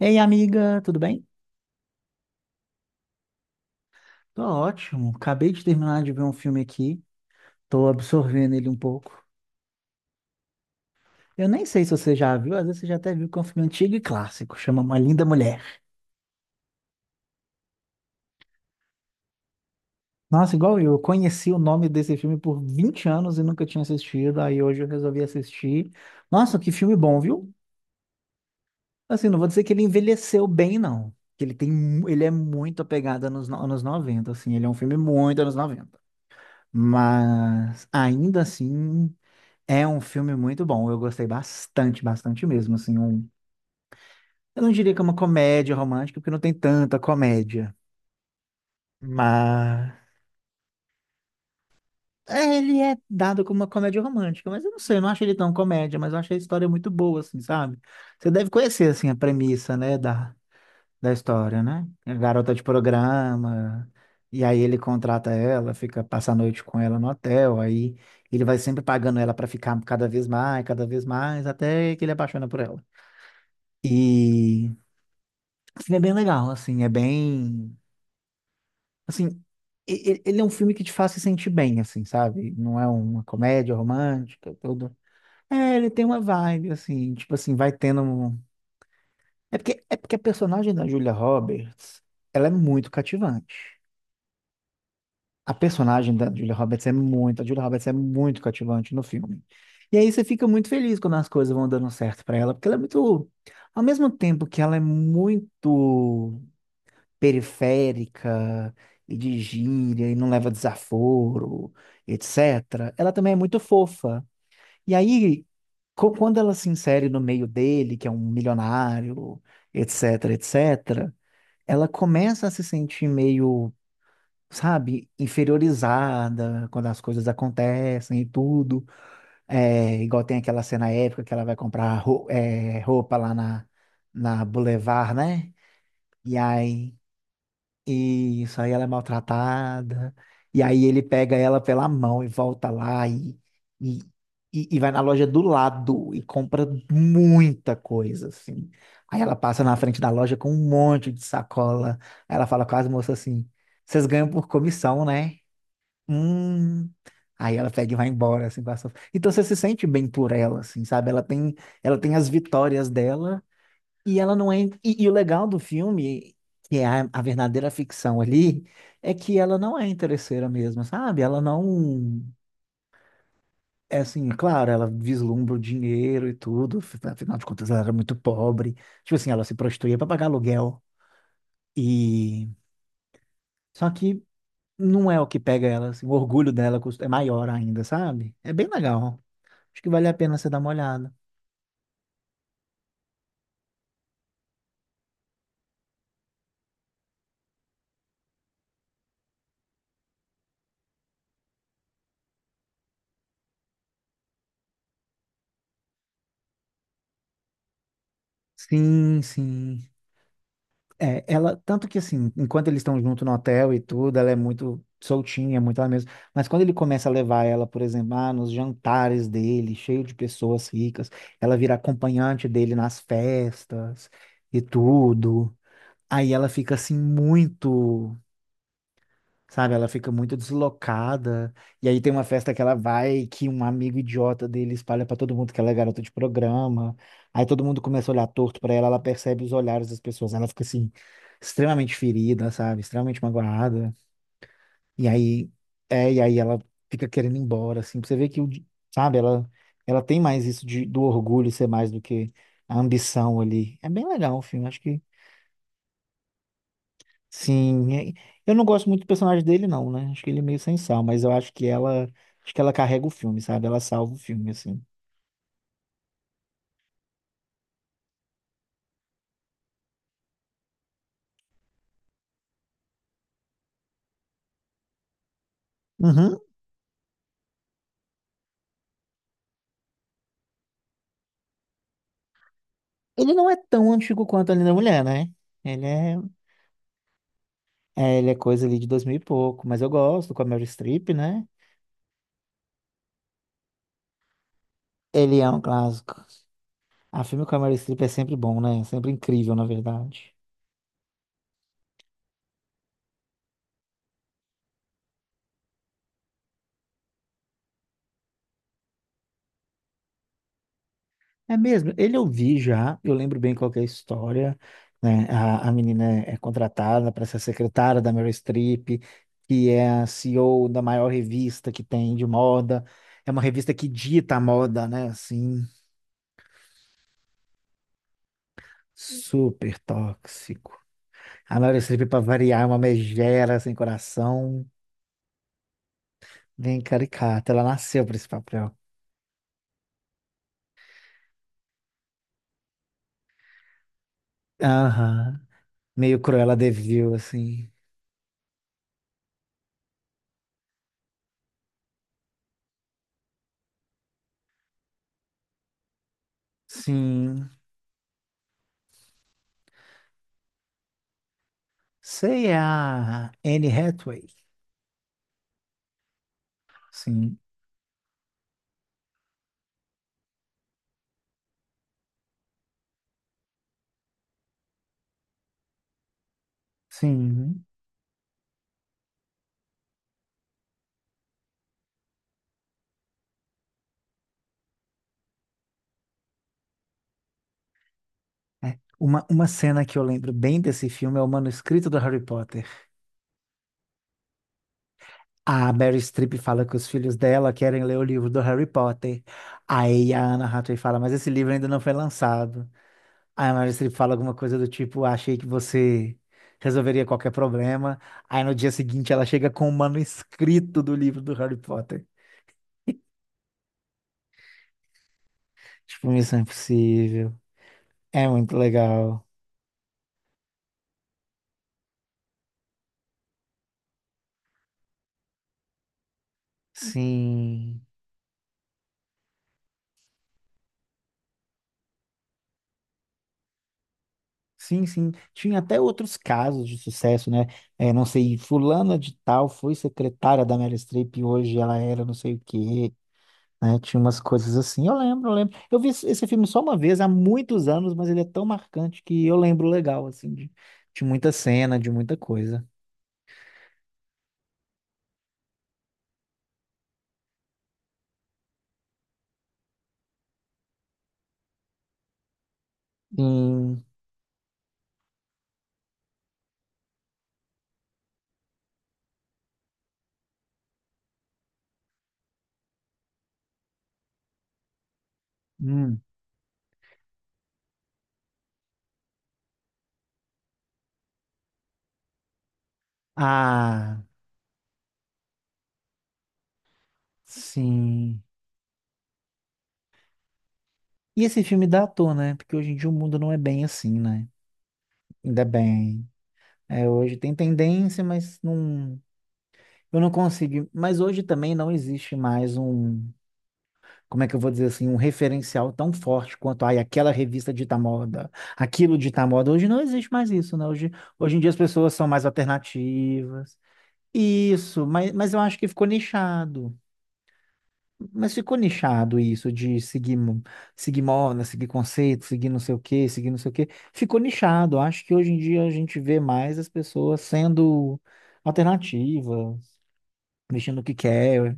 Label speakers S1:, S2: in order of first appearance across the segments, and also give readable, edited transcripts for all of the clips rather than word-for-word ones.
S1: Ei, amiga, tudo bem? Tô ótimo. Acabei de terminar de ver um filme aqui. Tô absorvendo ele um pouco. Eu nem sei se você já viu, às vezes você já até viu que é um filme antigo e clássico, chama Uma Linda Mulher. Nossa, igual eu conheci o nome desse filme por 20 anos e nunca tinha assistido, aí hoje eu resolvi assistir. Nossa, que filme bom, viu? Assim, não vou dizer que ele envelheceu bem, não. Que ele tem, ele é muito apegado nos anos anos 90, assim, ele é um filme muito anos 90. Mas ainda assim. É um filme muito bom, eu gostei bastante, bastante mesmo, assim, um. Eu não diria que é uma comédia romântica, porque não tem tanta comédia, mas ele é dado como uma comédia romântica, mas eu não sei, eu não acho ele tão comédia, mas eu achei a história muito boa, assim, sabe? Você deve conhecer, assim, a premissa, né, da, da história, né? A garota de programa, e aí ele contrata ela, fica, passa a noite com ela no hotel, aí ele vai sempre pagando ela pra ficar cada vez mais, até que ele apaixona por ela. E assim, é bem legal, assim, é bem, assim, ele é um filme que te faz se sentir bem, assim, sabe? Não é uma comédia romântica, tudo. É, ele tem uma vibe, assim, tipo assim, vai tendo um. É porque a personagem da Julia Roberts, ela é muito cativante. A personagem da Julia Roberts é muito, a Julia Roberts é muito cativante no filme. E aí você fica muito feliz quando as coisas vão dando certo pra ela, porque ela é muito, ao mesmo tempo que ela é muito periférica e de gíria e não leva desaforo, etc. Ela também é muito fofa. E aí, quando ela se insere no meio dele, que é um milionário, etc, etc, ela começa a se sentir meio, sabe, inferiorizada quando as coisas acontecem e tudo. É, igual tem aquela cena épica que ela vai comprar roupa lá na, na Boulevard, né? E aí. Isso, aí ela é maltratada. E aí ele pega ela pela mão e volta lá e, e vai na loja do lado e compra muita coisa, assim. Aí ela passa na frente da loja com um monte de sacola. Aí ela fala com as moças assim: vocês ganham por comissão, né? Hum. Aí ela pega e vai embora, assim, com a Então você se sente bem por ela, assim, sabe? Ela tem as vitórias dela e ela não é. E o legal do filme, que é a verdadeira ficção ali, é que ela não é interesseira mesmo, sabe? Ela não. É assim, claro, ela vislumbra o dinheiro e tudo, afinal de contas ela era muito pobre. Tipo assim, ela se prostituía para pagar aluguel. E. Só que não é o que pega ela, assim, o orgulho dela é maior ainda, sabe? É bem legal. Acho que vale a pena você dar uma olhada. Sim, sim. É, ela, tanto que assim, enquanto eles estão junto no hotel e tudo, ela é muito soltinha, é muito ela mesma. Mas quando ele começa a levar ela, por exemplo, ah, nos jantares dele, cheio de pessoas ricas, ela vira acompanhante dele nas festas e tudo. Aí ela fica assim muito. Sabe, ela fica muito deslocada. E aí tem uma festa que ela vai, que um amigo idiota dele espalha pra todo mundo que ela é garota de programa. Aí todo mundo começa a olhar torto pra ela, ela percebe os olhares das pessoas. Ela fica assim, extremamente ferida, sabe? Extremamente magoada. E aí, e aí ela fica querendo ir embora, assim. Pra você ver que, o sabe, ela tem mais isso de, do orgulho ser mais do que a ambição ali. É bem legal o filme, acho que sim, eu não gosto muito do personagem dele, não, né? Acho que ele é meio sem sal, mas eu acho que ela carrega o filme, sabe? Ela salva o filme, assim. Uhum. Ele não é tão antigo quanto a Linda Mulher, né? Ele é, ele é coisa ali de 2000 e pouco, mas eu gosto, com a Meryl Streep, né? Ele é um clássico. A filme com a Meryl Streep é sempre bom, né? Sempre incrível, na verdade. É mesmo, ele eu vi já, eu lembro bem qual que é a história, né? A menina é contratada para ser secretária da Meryl Streep, que é a CEO da maior revista que tem de moda. É uma revista que dita a moda, né? Assim, super tóxico. A Meryl Streep, para variar, é uma megera sem coração, bem caricata. Ela nasceu para esse papel. Aham. Meio Cruella de Vil, assim. Sim. Sei, é a Anne Hathaway. Sim. Sim. É. Uma cena que eu lembro bem desse filme é o manuscrito do Harry Potter. A Mary Streep fala que os filhos dela querem ler o livro do Harry Potter. Aí a Anna Hathaway fala, mas esse livro ainda não foi lançado. Aí a Mary Streep fala alguma coisa do tipo, achei que você resolveria qualquer problema. Aí no dia seguinte ela chega com o manuscrito do livro do Harry Potter. Tipo, isso é Impossível. É muito legal. Sim. Sim, sim. Tinha até outros casos de sucesso, né? É, não sei, fulana de tal foi secretária da Meryl Streep e hoje ela era não sei o quê, né? Tinha umas coisas assim. Eu lembro, eu lembro. Eu vi esse filme só uma vez, há muitos anos, mas ele é tão marcante que eu lembro legal, assim, de muita cena, de muita coisa. Sim. Hum. Ah, sim. E esse filme dá à toa, né? Porque hoje em dia o mundo não é bem assim, né? Ainda bem. É, hoje tem tendência, mas não. Eu não consigo, mas hoje também não existe mais um, como é que eu vou dizer assim, um referencial tão forte quanto, ai, aquela revista dita moda, aquilo dita moda. Hoje não existe mais isso, né? Hoje em dia as pessoas são mais alternativas. Isso, mas eu acho que ficou nichado. Mas ficou nichado isso de seguir, seguir moda, seguir conceito, seguir não sei o quê, seguir não sei o quê. Ficou nichado. Acho que hoje em dia a gente vê mais as pessoas sendo alternativas, vestindo o que quer.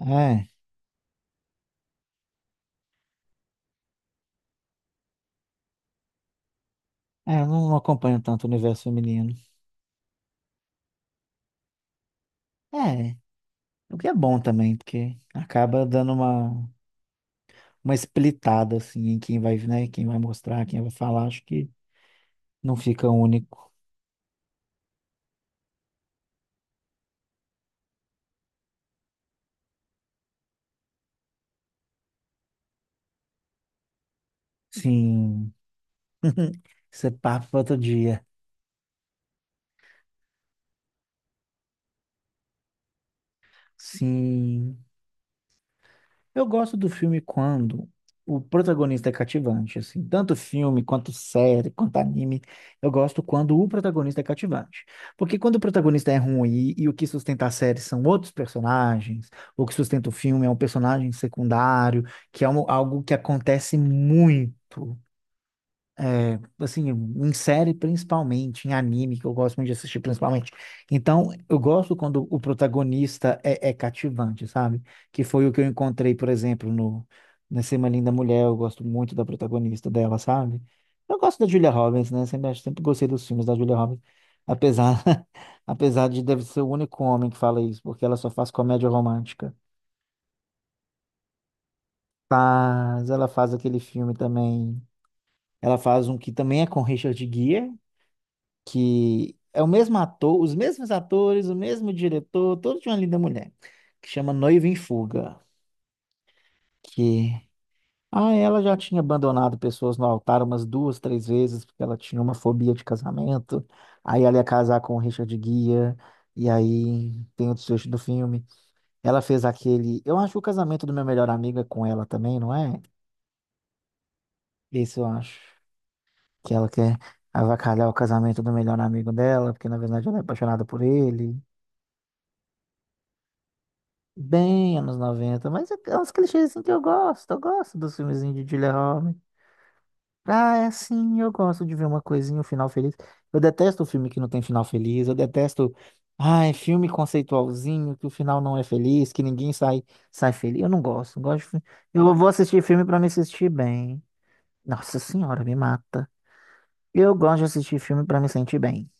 S1: É. É, eu não acompanho tanto o universo feminino. É, o que é bom também, porque acaba dando uma splitada, assim, em quem vai, né, quem vai mostrar, quem vai falar, acho que não fica único. Sim. Isso é papo para outro dia. Sim. Eu gosto do filme quando o protagonista é cativante, assim, tanto filme quanto série, quanto anime. Eu gosto quando o protagonista é cativante. Porque quando o protagonista é ruim e o que sustenta a série são outros personagens, o que sustenta o filme é um personagem secundário, que é algo que acontece muito assim, em série principalmente, em anime, que eu gosto muito de assistir principalmente. Então, eu gosto quando o protagonista é cativante, sabe? Que foi o que eu encontrei, por exemplo, no nesse Uma Linda Mulher, eu gosto muito da protagonista dela, sabe? Eu gosto da Julia Roberts, né? Sempre, sempre gostei dos filmes da Julia Roberts, apesar, apesar de deve ser o único homem que fala isso, porque ela só faz comédia romântica. Mas ela faz aquele filme também, ela faz um que também é com Richard Gere, que é o mesmo ator, os mesmos atores, o mesmo diretor, todo de uma linda mulher, que chama Noiva em Fuga, que ah, ela já tinha abandonado pessoas no altar umas duas, três vezes, porque ela tinha uma fobia de casamento. Aí ela ia casar com o Richard Guia e aí tem o desfecho do filme. Ela fez aquele, eu acho que o casamento do meu melhor amigo é com ela também, não é? Esse eu acho que ela quer avacalhar o casamento do melhor amigo dela, porque na verdade ela é apaixonada por ele. Bem anos 90, mas é uns clichês assim que eu gosto dos filmezinhos de Gyllenhaal. Ah, é assim, eu gosto de ver uma coisinha, um final feliz. Eu detesto o filme que não tem final feliz, eu detesto, ah, é filme conceitualzinho, que o final não é feliz, que ninguém sai feliz. Eu não gosto, eu gosto de, eu vou assistir filme pra me assistir bem. Nossa senhora, me mata. Eu gosto de assistir filme pra me sentir bem.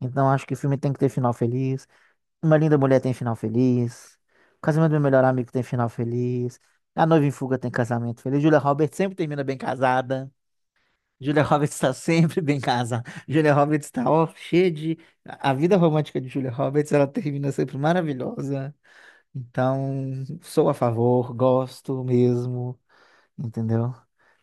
S1: Então acho que filme tem que ter final feliz, uma Linda Mulher tem final feliz. O Casamento do Meu Melhor Amigo tem final feliz. A Noiva em Fuga tem casamento feliz. Julia Roberts sempre termina bem casada. Julia Roberts está sempre bem casada. Julia Roberts está ó, cheia de. A vida romântica de Julia Roberts, ela termina sempre maravilhosa. Então, sou a favor, gosto mesmo, entendeu?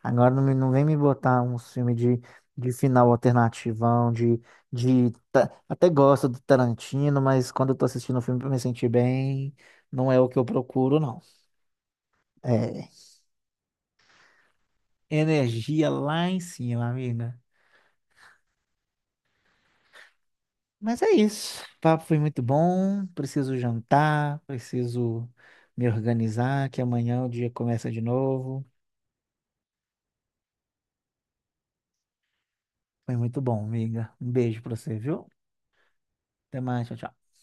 S1: Agora não, não vem me botar um filme de final alternativão. Até gosto do Tarantino, mas quando eu tô assistindo o filme pra me sentir bem, não é o que eu procuro, não. É energia lá em cima, amiga. Mas é isso. O papo foi muito bom. Preciso jantar, preciso me organizar, que amanhã o dia começa de novo. Foi muito bom, amiga. Um beijo pra você, viu? Até mais, tchau, tchau.